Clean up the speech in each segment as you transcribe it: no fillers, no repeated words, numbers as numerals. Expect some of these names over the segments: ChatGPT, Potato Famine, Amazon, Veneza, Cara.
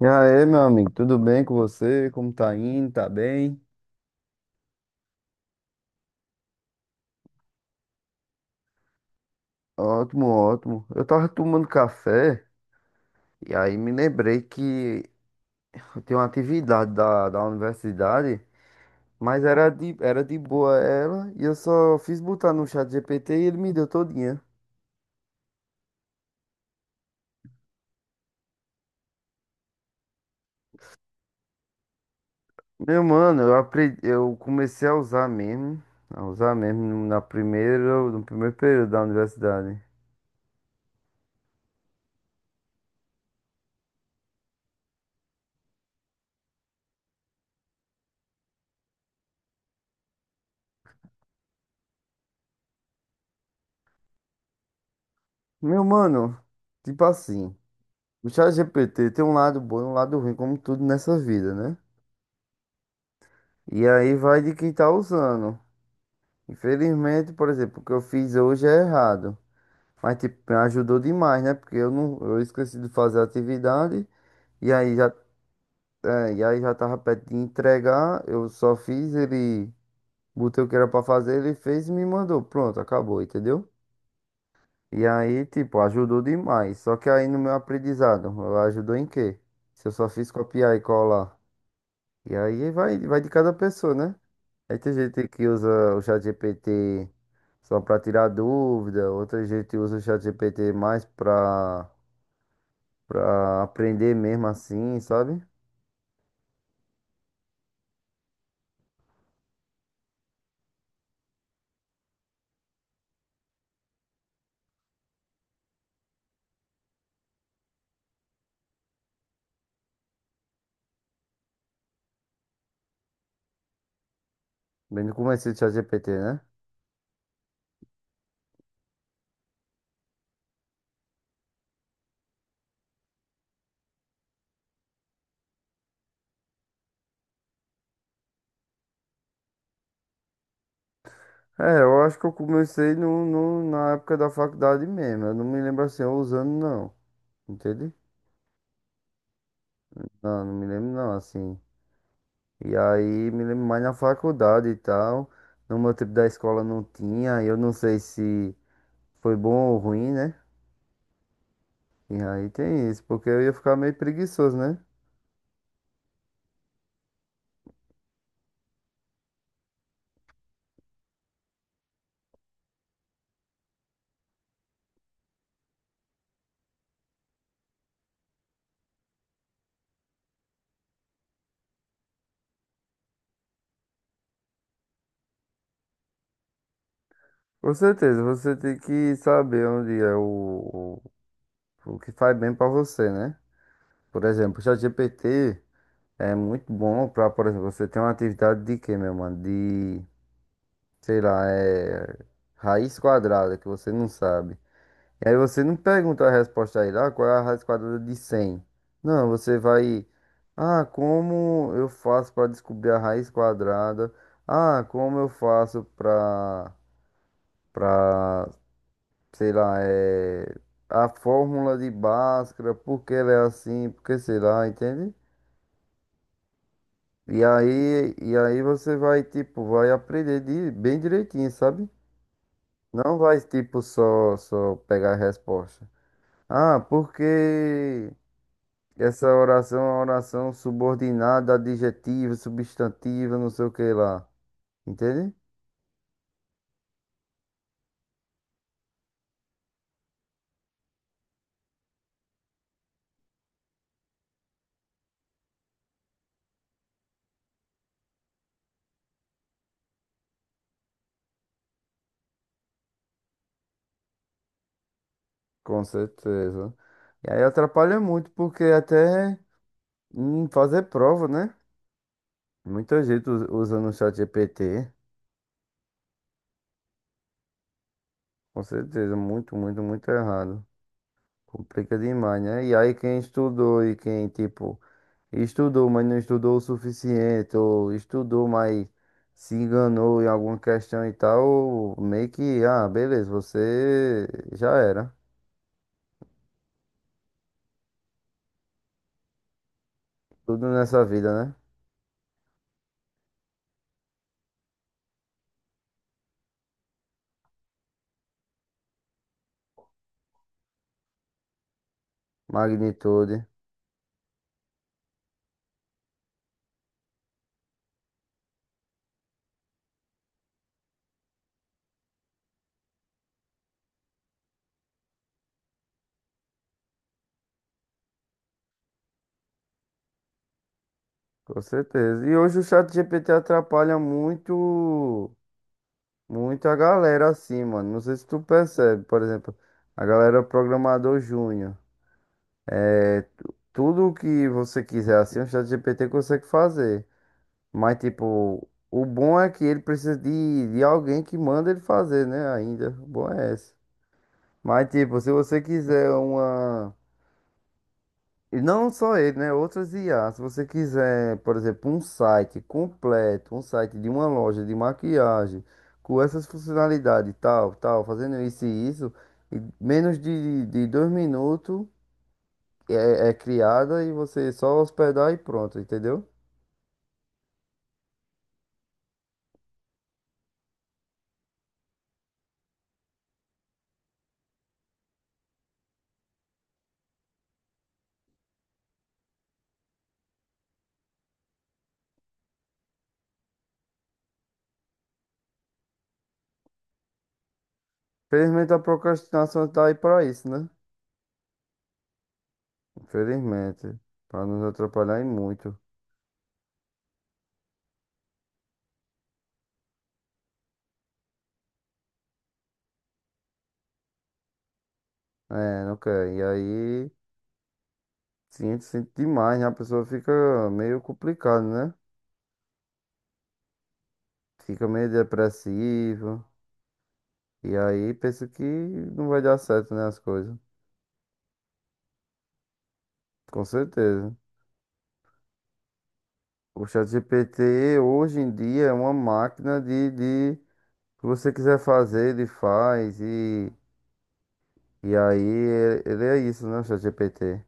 E aí, meu amigo, tudo bem com você? Como tá indo? Tá bem? Ótimo, ótimo. Eu tava tomando café e aí me lembrei que eu tenho uma atividade da universidade, mas era era de boa ela e eu só fiz botar no chat GPT e ele me deu todinha. Meu mano, eu comecei a usar mesmo, na primeira, no primeiro período da universidade. Meu mano, tipo assim, o chat GPT tem um lado bom e um lado ruim, como tudo nessa vida, né? E aí vai de quem tá usando. Infelizmente, por exemplo, o que eu fiz hoje é errado. Mas tipo, me ajudou demais, né? Porque eu não, eu esqueci de fazer a atividade e aí já, é, e aí já tava perto de entregar, eu só fiz ele, botei o que era pra fazer, ele fez e me mandou. Pronto, acabou, entendeu? E aí, tipo, ajudou demais. Só que aí no meu aprendizado, ajudou em quê? Se eu só fiz copiar e colar. E aí vai de cada pessoa, né? Aí tem gente que usa o ChatGPT só para tirar dúvida, outra gente usa o ChatGPT mais para para aprender mesmo assim, sabe? Bem no começo do ChatGPT, né? É, eu acho que eu comecei na época da faculdade mesmo. Eu não me lembro assim, eu usando não, entende? Não, não me lembro não, assim. E aí me lembro mais na faculdade e tal. No meu tempo da escola não tinha, eu não sei se foi bom ou ruim, né? E aí tem isso, porque eu ia ficar meio preguiçoso, né? Com certeza, você tem que saber onde é o que faz bem pra você, né? Por exemplo, o ChatGPT é muito bom pra, por exemplo, você tem uma atividade de quê, meu mano? De, sei lá, é raiz quadrada, que você não sabe. E aí você não pergunta a resposta aí lá, qual é a raiz quadrada de 100. Não, você vai, ah, como eu faço pra descobrir a raiz quadrada? Ah, como eu faço pra, sei lá, é, a fórmula de Bhaskara, por que ela é assim, porque que sei lá, entende? E aí você vai, tipo, vai aprender de, bem direitinho, sabe? Não vai, tipo, só pegar a resposta. Ah, porque essa oração é uma oração subordinada, adjetiva, substantiva, não sei o que lá. Entende? Com certeza. E aí atrapalha muito, porque até em fazer prova, né? Muita gente usando o chat GPT, com certeza, muito, muito, muito errado. Complica demais, né? E aí quem estudou e quem, tipo, estudou, mas não estudou o suficiente, ou estudou, mas se enganou em alguma questão e tal, meio que, ah, beleza, você já era. Tudo nessa vida, né? Magnitude, com certeza. E hoje o chat GPT atrapalha muito. Muita galera assim, mano. Não sei se tu percebe, por exemplo, a galera programador júnior. É, tudo que você quiser assim, o ChatGPT consegue fazer. Mas, tipo, o bom é que ele precisa de alguém que manda ele fazer, né? Ainda. O bom é esse. Mas, tipo, se você quiser uma. E não só ele, né? Outras IA. Se você quiser, por exemplo, um site completo, um site de uma loja de maquiagem, com essas funcionalidades, tal, tal, fazendo isso e isso, em menos de 2 minutos é, é criada e você só hospedar e pronto, entendeu? Infelizmente a procrastinação tá aí pra isso, né? Infelizmente. Pra nos atrapalhar e muito. É, não quer. E aí, sinto, sinto demais, né? A pessoa fica meio complicada, né? Fica meio depressivo. E aí penso que não vai dar certo, né, as coisas. Com certeza. O ChatGPT hoje em dia é uma máquina de o que você quiser fazer, ele faz. E aí ele é isso, né, o ChatGPT.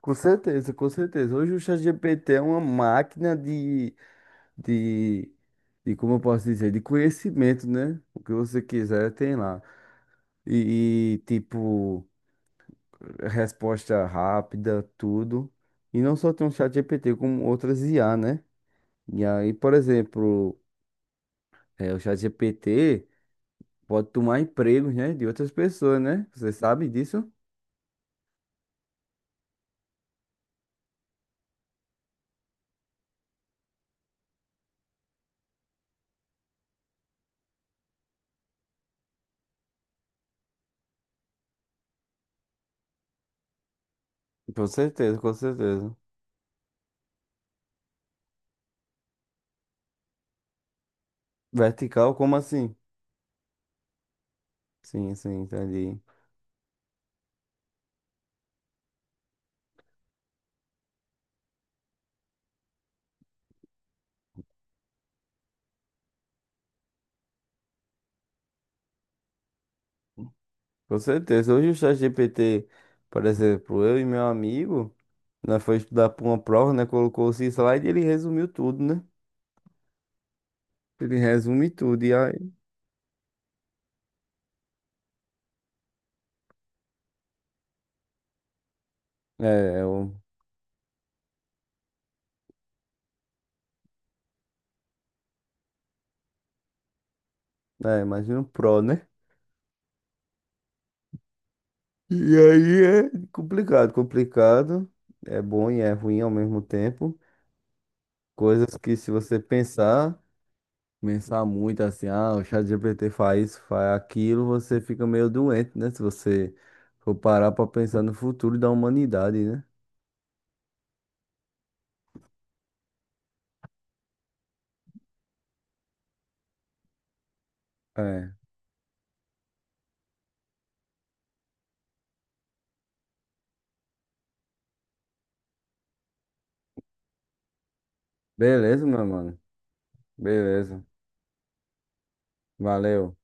Com certeza, com certeza. Hoje o ChatGPT é uma máquina de, de, como eu posso dizer, de conhecimento, né? O que você quiser tem lá. Tipo, resposta rápida, tudo. E não só tem o ChatGPT, como outras IA, né? E aí, por exemplo, é, o ChatGPT pode tomar empregos, né, de outras pessoas, né? Você sabe disso? Com certeza, com certeza. Vertical, como assim? Sim, sim, entendi. Com certeza. Hoje o ChatGPT, por exemplo, eu e meu amigo, nós foi estudar para uma prova, né? Colocou esse slide e ele resumiu tudo, né? Ele resume tudo. E aí, é, é, o- imagina o pro, né? E aí é complicado, complicado. É bom e é ruim ao mesmo tempo. Coisas que se você pensar, pensar muito assim, ah, o ChatGPT faz isso, faz aquilo, você fica meio doente, né? Se você for parar pra pensar no futuro da humanidade, né? É. Beleza, meu mano. Beleza. Valeu.